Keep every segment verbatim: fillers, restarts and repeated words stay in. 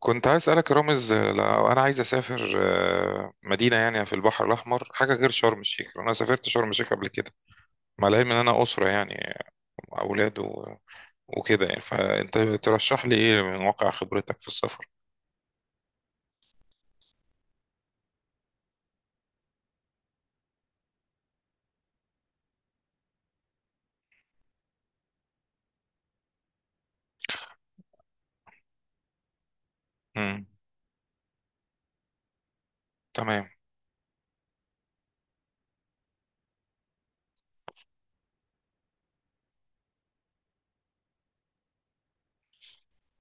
كنت عايز اسالك يا رامز آه، لو انا عايز اسافر آه، مدينه يعني في البحر الاحمر حاجه غير شرم الشيخ لأن انا سافرت شرم الشيخ قبل كده، مع العلم ان انا اسره يعني اولاد و- وكده يعني، فانت ترشح لي ايه من واقع خبرتك في السفر؟ امم تمام.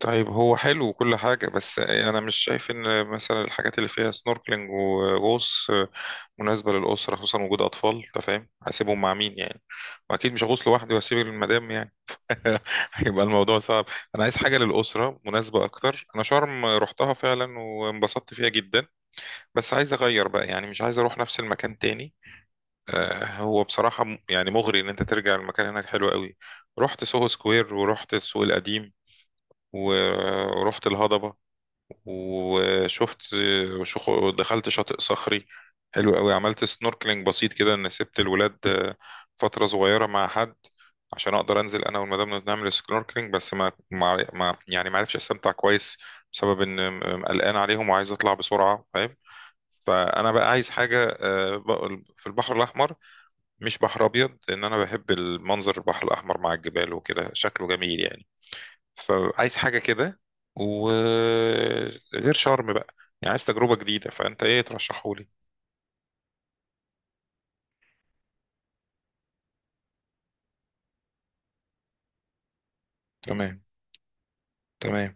طيب هو حلو وكل حاجة، بس أنا مش شايف إن مثلا الحاجات اللي فيها سنوركلينج وغوص مناسبة للأسرة، خصوصا وجود أطفال. أنت فاهم؟ هسيبهم مع مين يعني؟ وأكيد مش هغوص لوحدي وأسيب المدام هيبقى الموضوع صعب. انا عايز حاجه للاسره مناسبه اكتر. انا شرم رحتها فعلا وانبسطت فيها جدا، بس عايز اغير بقى يعني، مش عايز اروح نفس المكان تاني. آه، هو بصراحه م- يعني مغري ان انت ترجع، المكان هناك حلو قوي. رحت سوهو سكوير ورحت السوق القديم، و- ورحت الهضبه وشفت، وشخ- ودخلت شاطئ صخري حلو قوي، عملت سنوركلينج بسيط كده، ان سبت الولاد فترة صغيرة مع حد عشان اقدر انزل انا والمدام نعمل سنوركلينج، بس ما ما ما- يعني ما عرفش استمتع كويس بسبب ان قلقان عليهم وعايز اطلع بسرعة، فاهم؟ فانا بقى عايز حاجة آه، بق- في البحر الاحمر، مش بحر ابيض، لان انا بحب المنظر البحر الاحمر مع الجبال وكده شكله جميل يعني. فعايز حاجة كده وغير شرم بقى، يعني عايز تجربة جديدة. فأنت إيه ترشحولي؟ تمام. تمام.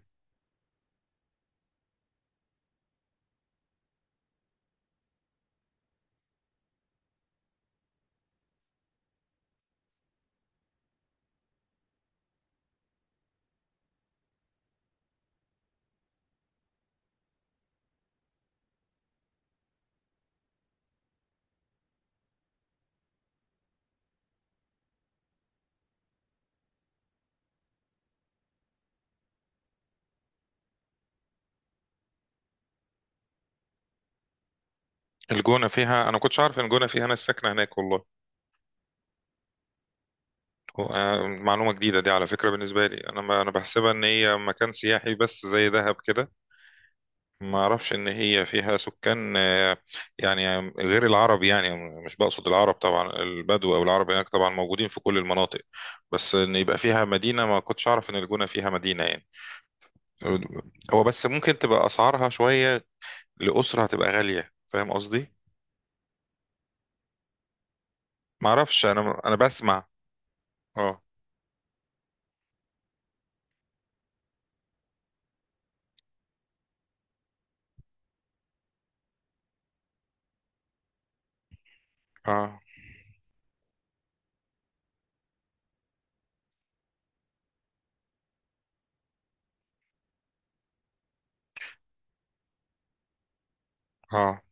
الجونة فيها، أنا ما كنتش عارف إن الجونة فيها ناس ساكنة هناك، والله. هو- آه، معلومة جديدة دي على فكرة بالنسبة لي، أنا ما أنا بحسبها إن هي مكان سياحي بس زي دهب كده. ما أعرفش إن هي فيها سكان آه، يعني غير العرب يعني، مش بقصد العرب طبعا، البدو أو العرب هناك طبعا موجودين في كل المناطق. بس إن يبقى فيها مدينة، ما كنتش أعرف إن الجونة فيها مدينة يعني. هو بس ممكن تبقى اسعارها شويه لاسره، هتبقى غاليه، فاهم قصدي؟ ما اعرفش، انا انا بسمع. اه. اه. اه.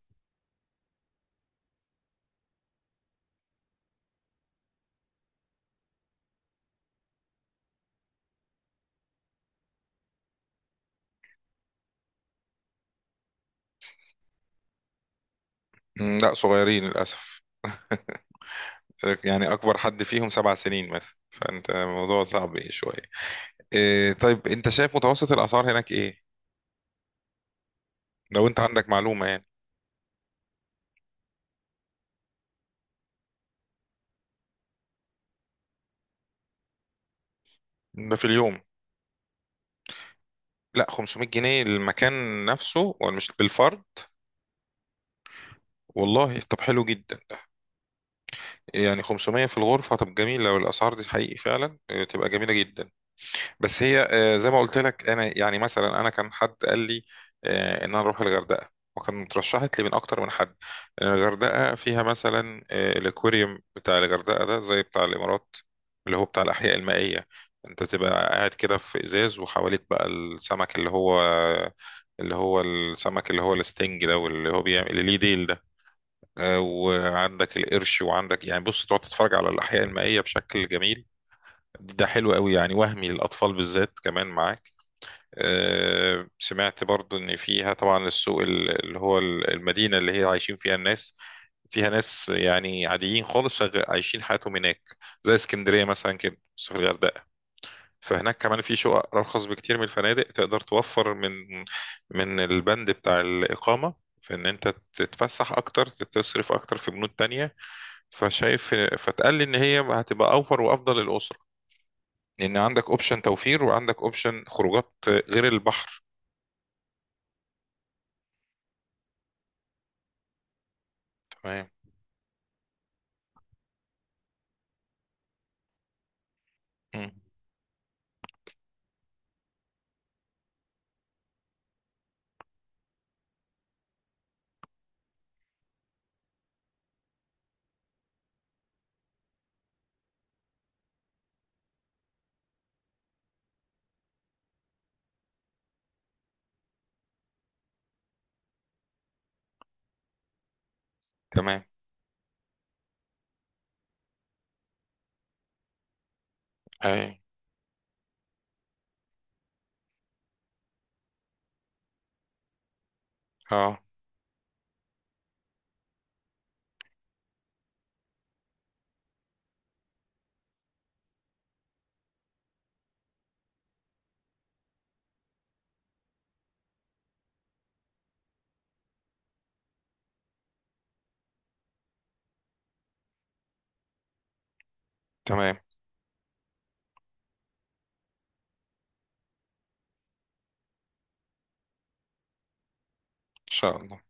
مم، لا صغيرين للاسف، يعني اكبر حد فيهم سبع سنين مثلا، فانت الموضوع صعب ايه شويه. إيه طيب انت شايف متوسط الاسعار هناك ايه، لو انت عندك معلومه يعني؟ ده في اليوم؟ لا خمسمية جنيه المكان نفسه ولا مش بالفرد؟ والله طب حلو جدا ده. يعني خمسمية في الغرفه؟ طب جميله لو الاسعار دي حقيقي فعلا إيه، تبقى جميله جدا. بس هي آه، زي ما قلت لك انا، يعني مثلا انا كان حد قال لي آه، ان انا اروح الغردقه، وكان اترشحت لي من اكتر من حد، لأن الغردقه فيها مثلا آه، الاكواريوم بتاع الغردقه ده زي بتاع الامارات، اللي هو بتاع الاحياء المائيه، انت تبقى قاعد كده في ازاز وحواليك بقى السمك، اللي هو اللي هو السمك اللي هو الستنج ده، واللي هو بيعمل اللي ليه ديل ده. آه، وعندك القرش وعندك يعني، بص تقعد تتفرج على الاحياء المائيه بشكل جميل. ده حلو قوي يعني، وهمي للاطفال بالذات كمان معاه. آه، سمعت برضو ان فيها طبعا السوق ال- اللي هو ال- المدينة اللي هي عايشين فيها الناس، فيها ناس يعني عاديين خالص، شغ- عايشين حياتهم هناك زي اسكندرية مثلا كده بس في الغردقة. فهناك كمان في شقق أرخص بكتير من الفنادق، تقدر توفر من من البند بتاع الإقامة، في إن أنت تتفسح أكتر، تصرف أكتر في بنود تانية. فشايف، فتقال لي إن هي هتبقى أوفر وأفضل للأسرة، لأن عندك أوبشن توفير وعندك أوبشن خروجات غير البحر. تمام. مم. تمام. اي. اه. تمام. ان شاء الله.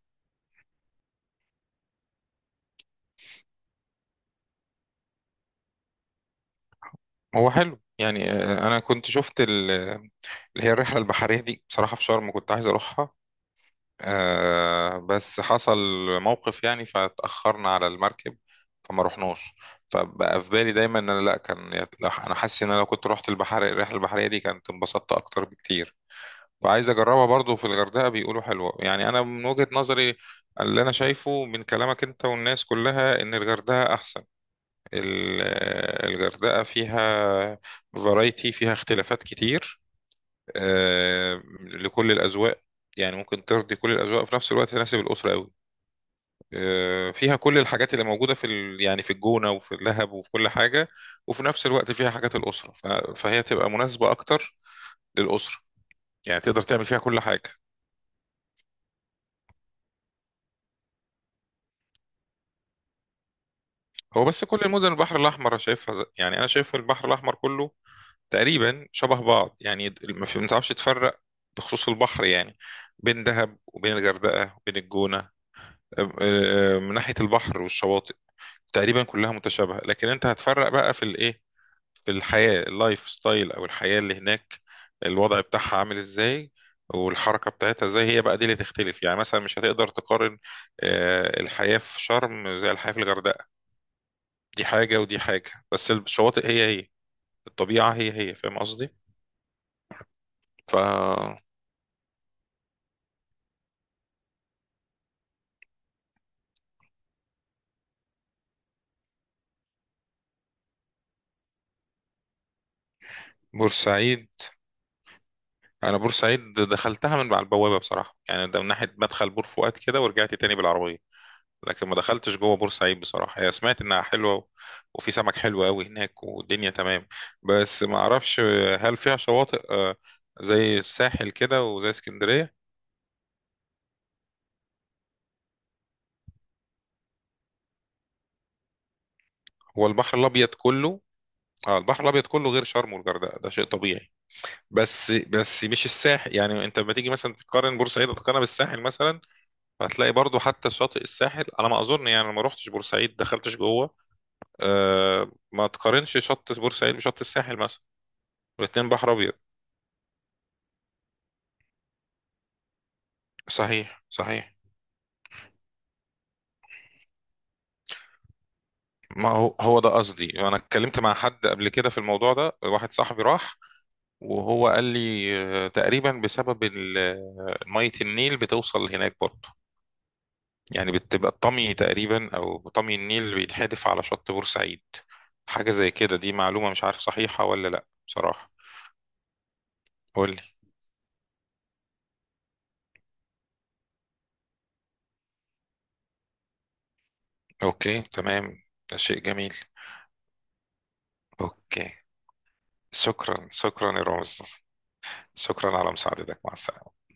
هو حلو يعني، آه، انا كنت شفت ال- اللي هي الرحله البحريه دي بصراحه في شرم، كنت عايز اروحها آه بس حصل موقف يعني، فاتاخرنا على المركب فما رحناش. فبقى في بالي دايما ان انا، لا كان انا حاسس ان انا لو كنت رحت البحر الرحله البحريه دي كانت انبسطت اكتر بكتير. وعايز اجربها برضو في الغردقه، بيقولوا حلوه يعني. انا من وجهه نظري، اللي انا شايفه من كلامك انت والناس كلها، ان الغردقه احسن. ال- الغردقة فيها، فرايتي فيها اختلافات كتير آه، لكل الأذواق، يعني ممكن ترضي كل الأذواق في نفس الوقت، تناسب الأسرة قوي. آه، فيها كل الحاجات اللي موجودة في ال... يعني في الجونة وفي اللهب وفي كل حاجة، وفي نفس الوقت فيها حاجات الأسرة ف... فهي تبقى مناسبة أكتر للأسرة، يعني تقدر تعمل فيها كل حاجة. هو بس كل المدن البحر الأحمر أنا شايفها ز- يعني أنا شايف البحر الأحمر كله تقريبا شبه بعض، يعني ما في- ما تعرفش تفرق بخصوص البحر يعني، بين دهب وبين الغردقة وبين الجونة. أم- أه، من ناحية البحر والشواطئ تقريبا كلها متشابهة، لكن انت هتفرق بقى في الايه، في الحياة اللايف ستايل او الحياة اللي هناك، الوضع بتاعها عامل ازاي والحركة بتاعتها ازاي، هي بقى دي اللي تختلف. يعني مثلا مش هتقدر تقارن آه، الحياة في شرم زي الحياة في الغردقة، دي حاجة ودي حاجة. بس الشواطئ هي هي، الطبيعة هي هي، فاهم قصدي؟ ف بورسعيد، انا بورسعيد دخلتها من على البوابه بصراحه، يعني ده من ناحيه مدخل بور فؤاد كده، ورجعت تاني بالعربيه، لكن ما دخلتش جوه بورسعيد بصراحه. هي سمعت انها حلوه و- وفي سمك حلو قوي هناك والدنيا تمام. بس ما اعرفش هل فيها شواطئ آه، زي الساحل كده وزي اسكندريه. هو البحر الابيض كله، اه البحر الابيض كله غير شرم والغردقه ده شيء طبيعي. بس بس مش الساحل، يعني انت لما تيجي مثلا تقارن بورسعيد تقارنها بالساحل مثلا، هتلاقي برضو حتى شاطئ الساحل على ما اظن. يعني أنا ما روحتش بورسعيد دخلتش جوه. أه ما تقارنش شط بورسعيد بشط الساحل مثلا، الاتنين بحر ابيض. صحيح صحيح. ما هو هو ده قصدي، انا اتكلمت مع حد قبل كده في الموضوع ده، واحد صاحبي راح وهو قال لي آه، تقريبا بسبب ال- آه، مية النيل بتوصل هناك برضه، يعني بتبقى الطمي تقريبا او طمي النيل بيتحدف على شط بورسعيد، حاجة زي كده. دي معلومة مش عارف صحيحة ولا لا بصراحة. قول لي. أوكي تمام. ده شيء جميل. أوكي. شكرا شكرا يا رامز. شكرا على مساعدتك، مع السلامة.